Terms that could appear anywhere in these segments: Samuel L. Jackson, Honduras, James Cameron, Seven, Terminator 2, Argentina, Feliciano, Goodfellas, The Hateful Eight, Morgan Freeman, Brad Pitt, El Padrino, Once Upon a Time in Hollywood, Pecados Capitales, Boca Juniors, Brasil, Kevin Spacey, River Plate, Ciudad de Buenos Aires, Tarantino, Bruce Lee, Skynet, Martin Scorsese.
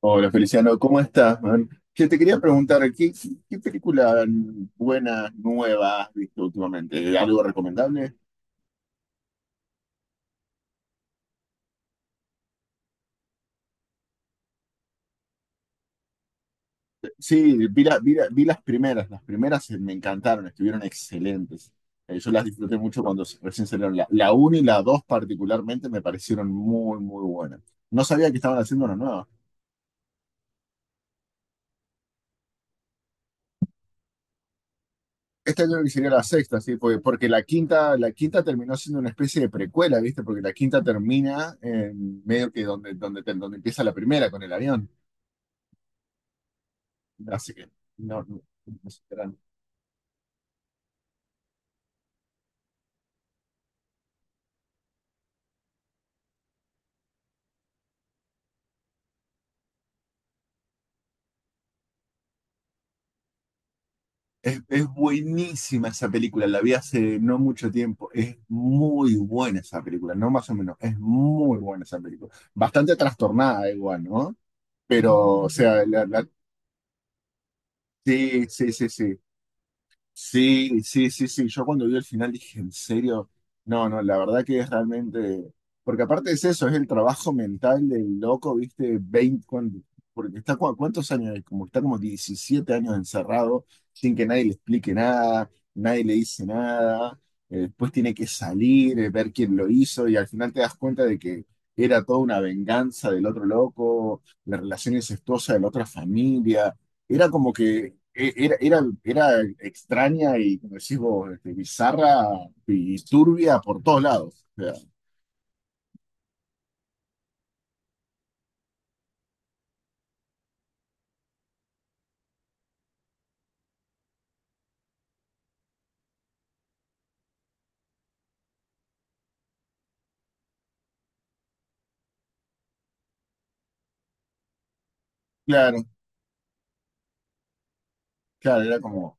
Hola Feliciano, ¿cómo estás, man? Que te quería preguntar, ¿qué película buena, nueva has visto últimamente? ¿Algo recomendable? Sí, vi las primeras me encantaron, estuvieron excelentes. Yo las disfruté mucho cuando recién salieron. La 1 y la 2 particularmente me parecieron muy, muy buenas. No sabía que estaban haciendo una nueva. Este año sería la sexta, sí, porque la quinta terminó siendo una especie de precuela, ¿viste? Porque la quinta termina en medio que donde empieza la primera con el avión. Así que no, no, no se enteran. Es buenísima esa película, la vi hace no mucho tiempo. Es muy buena esa película, no más o menos, es muy buena esa película. Bastante trastornada igual, ¿no? Pero, o sea, sí, sí, sí, sí. Sí, sí, sí, sí. Yo cuando vi el final dije, ¿en serio? No, no, la verdad que es realmente. Porque aparte es eso, es el trabajo mental del loco, ¿viste? Porque está ¿cuántos años? Como está como 17 años encerrado, sin que nadie le explique nada, nadie le dice nada. Después tiene que salir, ver quién lo hizo, y al final te das cuenta de que era toda una venganza del otro loco, la relación incestuosa de la otra familia. Era extraña y, como decís vos, bizarra y turbia por todos lados. O sea, claro, claro,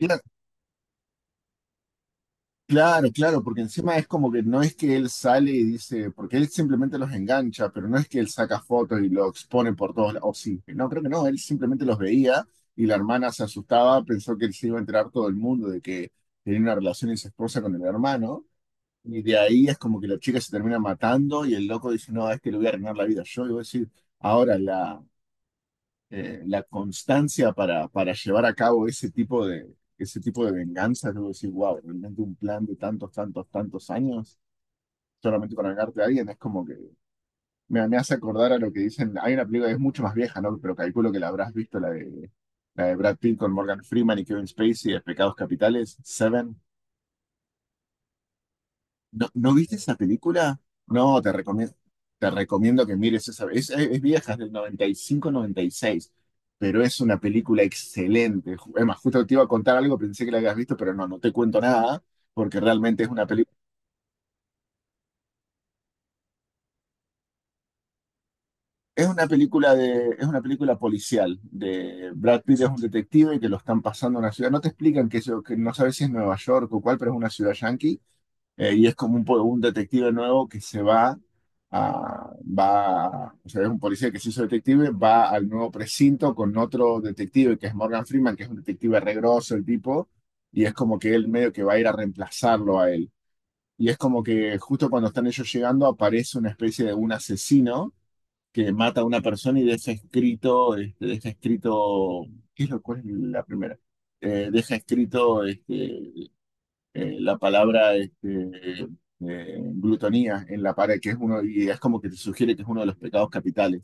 era- claro, claro, porque encima es como que no es que él sale y dice, porque él simplemente los engancha, pero no es que él saca fotos y lo expone por todos lados. O sí, no, creo que no, él simplemente los veía y la hermana se asustaba, pensó que él se iba a enterar todo el mundo de que tenía una relación incestuosa con el hermano. Y de ahí es como que la chica se termina matando y el loco dice, no, a este le voy a arruinar la vida yo. Y voy a decir, ahora la constancia para llevar a cabo ese tipo de venganza, yo voy a decir, wow, realmente un plan de tantos, tantos, tantos años solamente para vengarte a alguien, es como que me hace acordar a lo que dicen, hay una película que es mucho más vieja, ¿no? Pero calculo que la habrás visto, la de Brad Pitt con Morgan Freeman y Kevin Spacey de Pecados Capitales, Seven. ¿No, no viste esa película? No, te recomiendo que mires esa. Es vieja, es del noventa y cinco noventa y seis, pero es una película excelente. Es más, justo te iba a contar algo, pensé que la habías visto, pero no, no te cuento nada, porque realmente es una película. Es una película policial de Brad Pitt es un detective que lo están pasando a una ciudad. No te explican que no sabes si es Nueva York o cuál, pero es una ciudad yankee. Y es como un detective nuevo que se va, o sea, es un policía que se hizo detective, va al nuevo precinto con otro detective que es Morgan Freeman, que es un detective re grosso el tipo, y es como que él medio que va a ir a reemplazarlo a él. Y es como que justo cuando están ellos llegando aparece una especie de un asesino que mata a una persona y deja escrito, deja escrito, ¿qué es lo cual es la primera? Deja escrito, la palabra, glutonía en la pared, que es uno, y es como que te sugiere que es uno de los pecados capitales.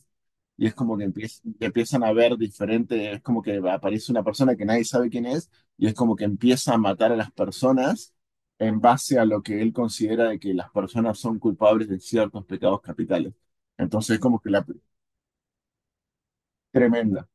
Y es como que empiezan a ver diferente, es como que aparece una persona que nadie sabe quién es, y es como que empieza a matar a las personas en base a lo que él considera de que las personas son culpables de ciertos pecados capitales. Entonces, es como que la tremenda.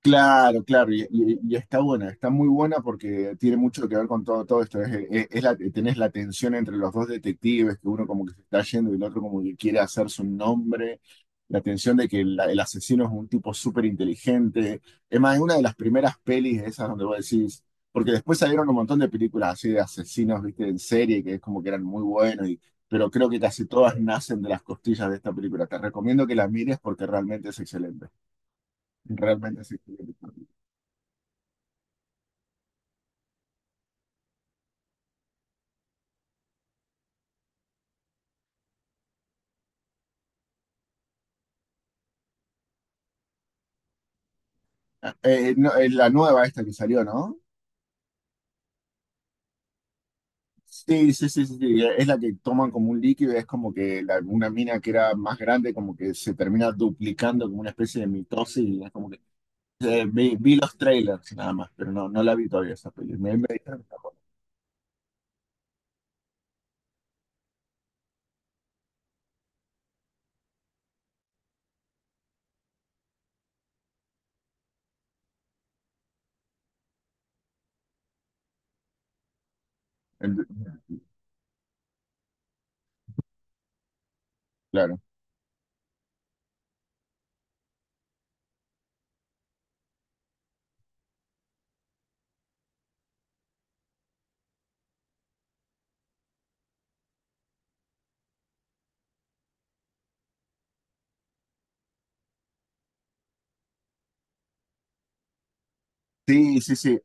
Claro, claro, y está buena, está muy buena porque tiene mucho que ver con todo, todo esto. Tenés la tensión entre los dos detectives, que uno como que se está yendo y el otro como que quiere hacer su nombre, la tensión de que el asesino es un tipo súper inteligente. Es más, es una de las primeras pelis esas donde vos decís, porque después salieron un montón de películas así de asesinos, viste, en serie, que es como que eran muy buenos, pero creo que casi todas nacen de las costillas de esta película. Te recomiendo que la mires porque realmente es excelente. Realmente es excelente. No, es la nueva esta que salió, ¿no? Sí, sí, sí, sí, sí, es la que toman como un líquido, es como que una mina que era más grande, como que se termina duplicando como una especie de mitosis, y es como que, vi los trailers nada más, pero no, no la vi todavía esa película. Claro. Sí, sí, sí.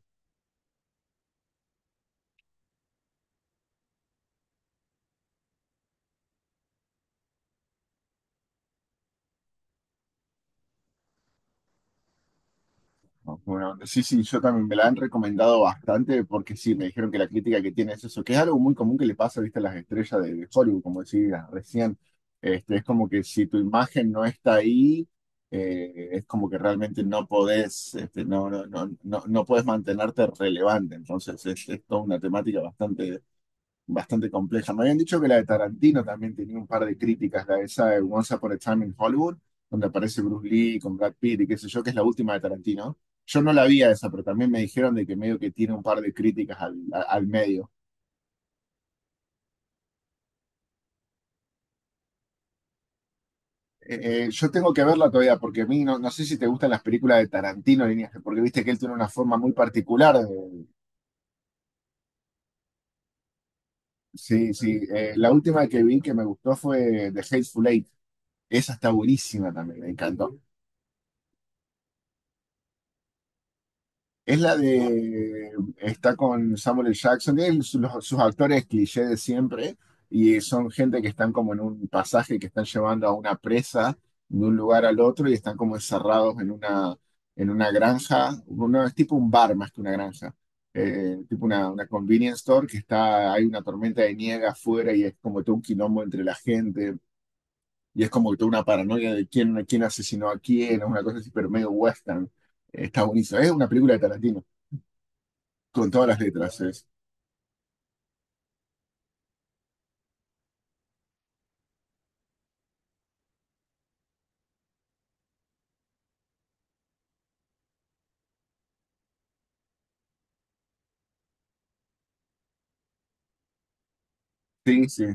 Bueno, sí, sí, yo también me la han recomendado bastante porque sí, me dijeron que la crítica que tiene es eso, que es algo muy común que le pasa, viste, a las estrellas de Hollywood, como decías recién. Es como que si tu imagen no está ahí, es como que realmente no podés, no podés mantenerte relevante. Entonces, es toda una temática bastante compleja. Me habían dicho que la de Tarantino también tenía un par de críticas, la de esa de Once Upon a Time in Hollywood, donde aparece Bruce Lee con Brad Pitt y qué sé yo, que es la última de Tarantino. Yo no la vi a esa, pero también me dijeron de que medio que tiene un par de críticas al medio. Yo tengo que verla todavía, porque a mí no sé si te gustan las películas de Tarantino, líneas, porque viste que él tiene una forma muy particular. Sí, sí. La última que vi que me gustó fue The Hateful Eight. Esa está buenísima también, me encantó. Es la de, Está con Samuel L. Jackson, tiene sus actores cliché de siempre, y son gente que están como en un pasaje que están llevando a una presa de un lugar al otro y están como encerrados en una, granja, no, es tipo un bar más que una granja, tipo una convenience store, hay una tormenta de nieve afuera y es como todo un quilombo entre la gente, y es como toda una paranoia de quién asesinó a quién, es una cosa así, pero medio western. Está buenísimo, es una película de Tarantino con todas las letras es. Sí, sí.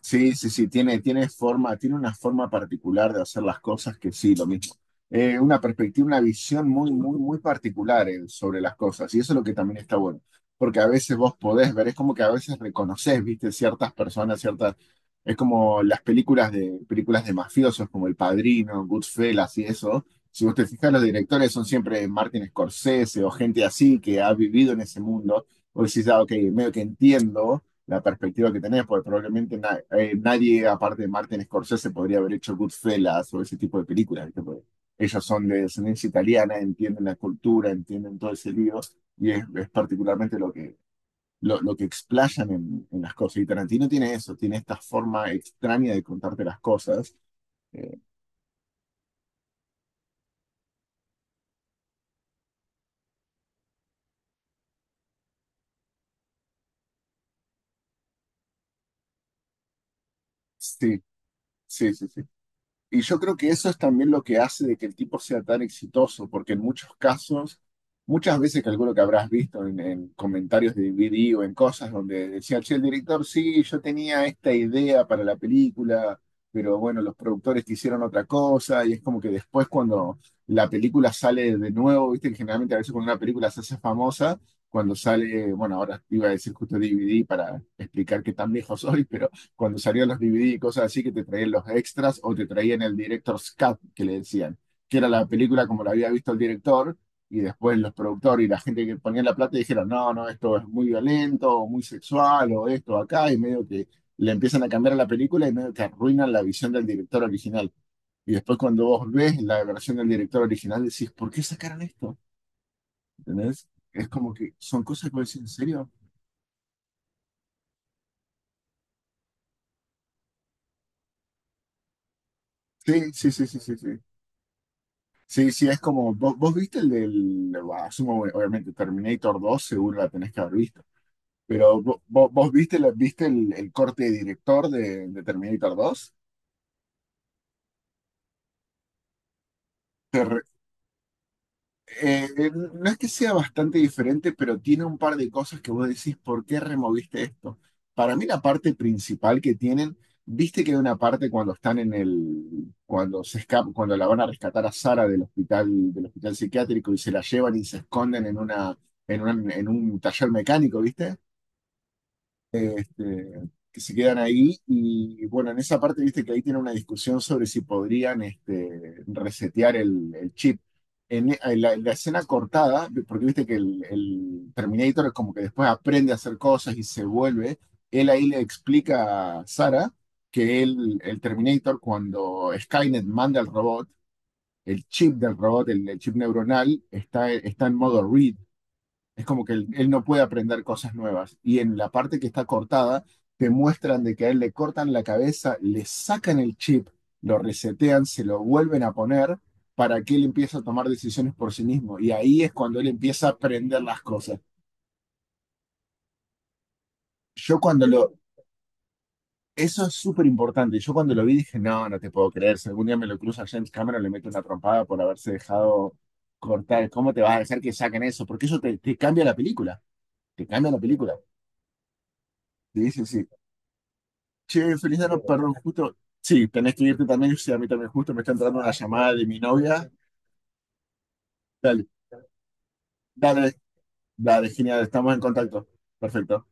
Sí, sí, sí, tiene una forma particular de hacer las cosas que sí, lo mismo. Una perspectiva, una visión muy, muy, muy particular, sobre las cosas. Y eso es lo que también está bueno. Porque a veces vos podés ver, es como que a veces reconoces, viste, ciertas personas, ciertas. Es como las películas de mafiosos, como El Padrino, Goodfellas y eso. Si vos te fijas, los directores son siempre Martin Scorsese o gente así que ha vivido en ese mundo. Vos decís, ah, ok, medio que entiendo la perspectiva que tenés, porque probablemente nadie, aparte de Martin Scorsese, podría haber hecho Goodfellas o ese tipo de películas, ¿viste? Porque ellos son de descendencia italiana, entienden la cultura, entienden todo ese lío, y es particularmente lo que explayan en las cosas. Y Tarantino tiene eso, tiene esta forma extraña de contarte las cosas. Eh, sí, sí, sí, sí. Y yo creo que eso es también lo que hace de que el tipo sea tan exitoso, porque en muchos casos, muchas veces calculo que habrás visto en comentarios de DVD o en cosas donde decía, che, el director, sí, yo tenía esta idea para la película, pero bueno, los productores quisieron otra cosa, y es como que después cuando la película sale de nuevo, viste que generalmente a veces cuando una película se hace famosa, cuando sale, bueno, ahora iba a decir justo DVD para explicar qué tan viejo soy, pero cuando salían los DVD y cosas así, que te traían los extras o te traían el director's cut, que le decían, que era la película como la había visto el director, y después los productores y la gente que ponía la plata dijeron, no, no, esto es muy violento, o muy sexual, o esto acá, y medio que le empiezan a cambiar a la película y medio que arruinan la visión del director original. Y después cuando vos ves la versión del director original decís, ¿por qué sacaron esto? ¿Entendés? Es como que son cosas que vos decís, ¿en serio? Sí, sí, sí, sí, sí, sí. Sí, sí, es como, vos viste el del, bah, asumo, obviamente, Terminator 2, seguro la tenés que haber visto, pero vos viste el corte de director de Terminator 2? No es que sea bastante diferente, pero tiene un par de cosas que vos decís, ¿por qué removiste esto? Para mí la parte principal que tienen, viste que hay una parte cuando están cuando se escapan, cuando la van a rescatar a Sara del hospital psiquiátrico y se la llevan y se esconden en un taller mecánico, ¿viste? Que se quedan ahí. Y bueno, en esa parte, viste que ahí tiene una discusión sobre si podrían resetear el chip. En la escena cortada, porque viste que el Terminator es como que después aprende a hacer cosas él ahí le explica a Sarah que él, el Terminator, cuando Skynet manda al robot, el chip del robot, el chip neuronal, está en modo read, es como que él no puede aprender cosas nuevas. Y en la parte que está cortada, te muestran de que a él le cortan la cabeza, le sacan el chip, lo resetean, se lo vuelven a poner para que él empiece a tomar decisiones por sí mismo. Y ahí es cuando él empieza a aprender las cosas. Yo cuando lo. Eso es súper importante. Yo cuando lo vi dije, no, no te puedo creer. Si algún día me lo cruza James Cameron, le meto una trompada por haberse dejado cortar. ¿Cómo te vas a dejar que saquen eso? Porque eso te cambia la película. Te cambia la película. Sí, sí, sí. Che, feliz día a los justo. Sí, tenés que irte también, sí, a mí también, justo me está entrando una llamada de mi novia. Dale, dale, dale, genial, estamos en contacto. Perfecto.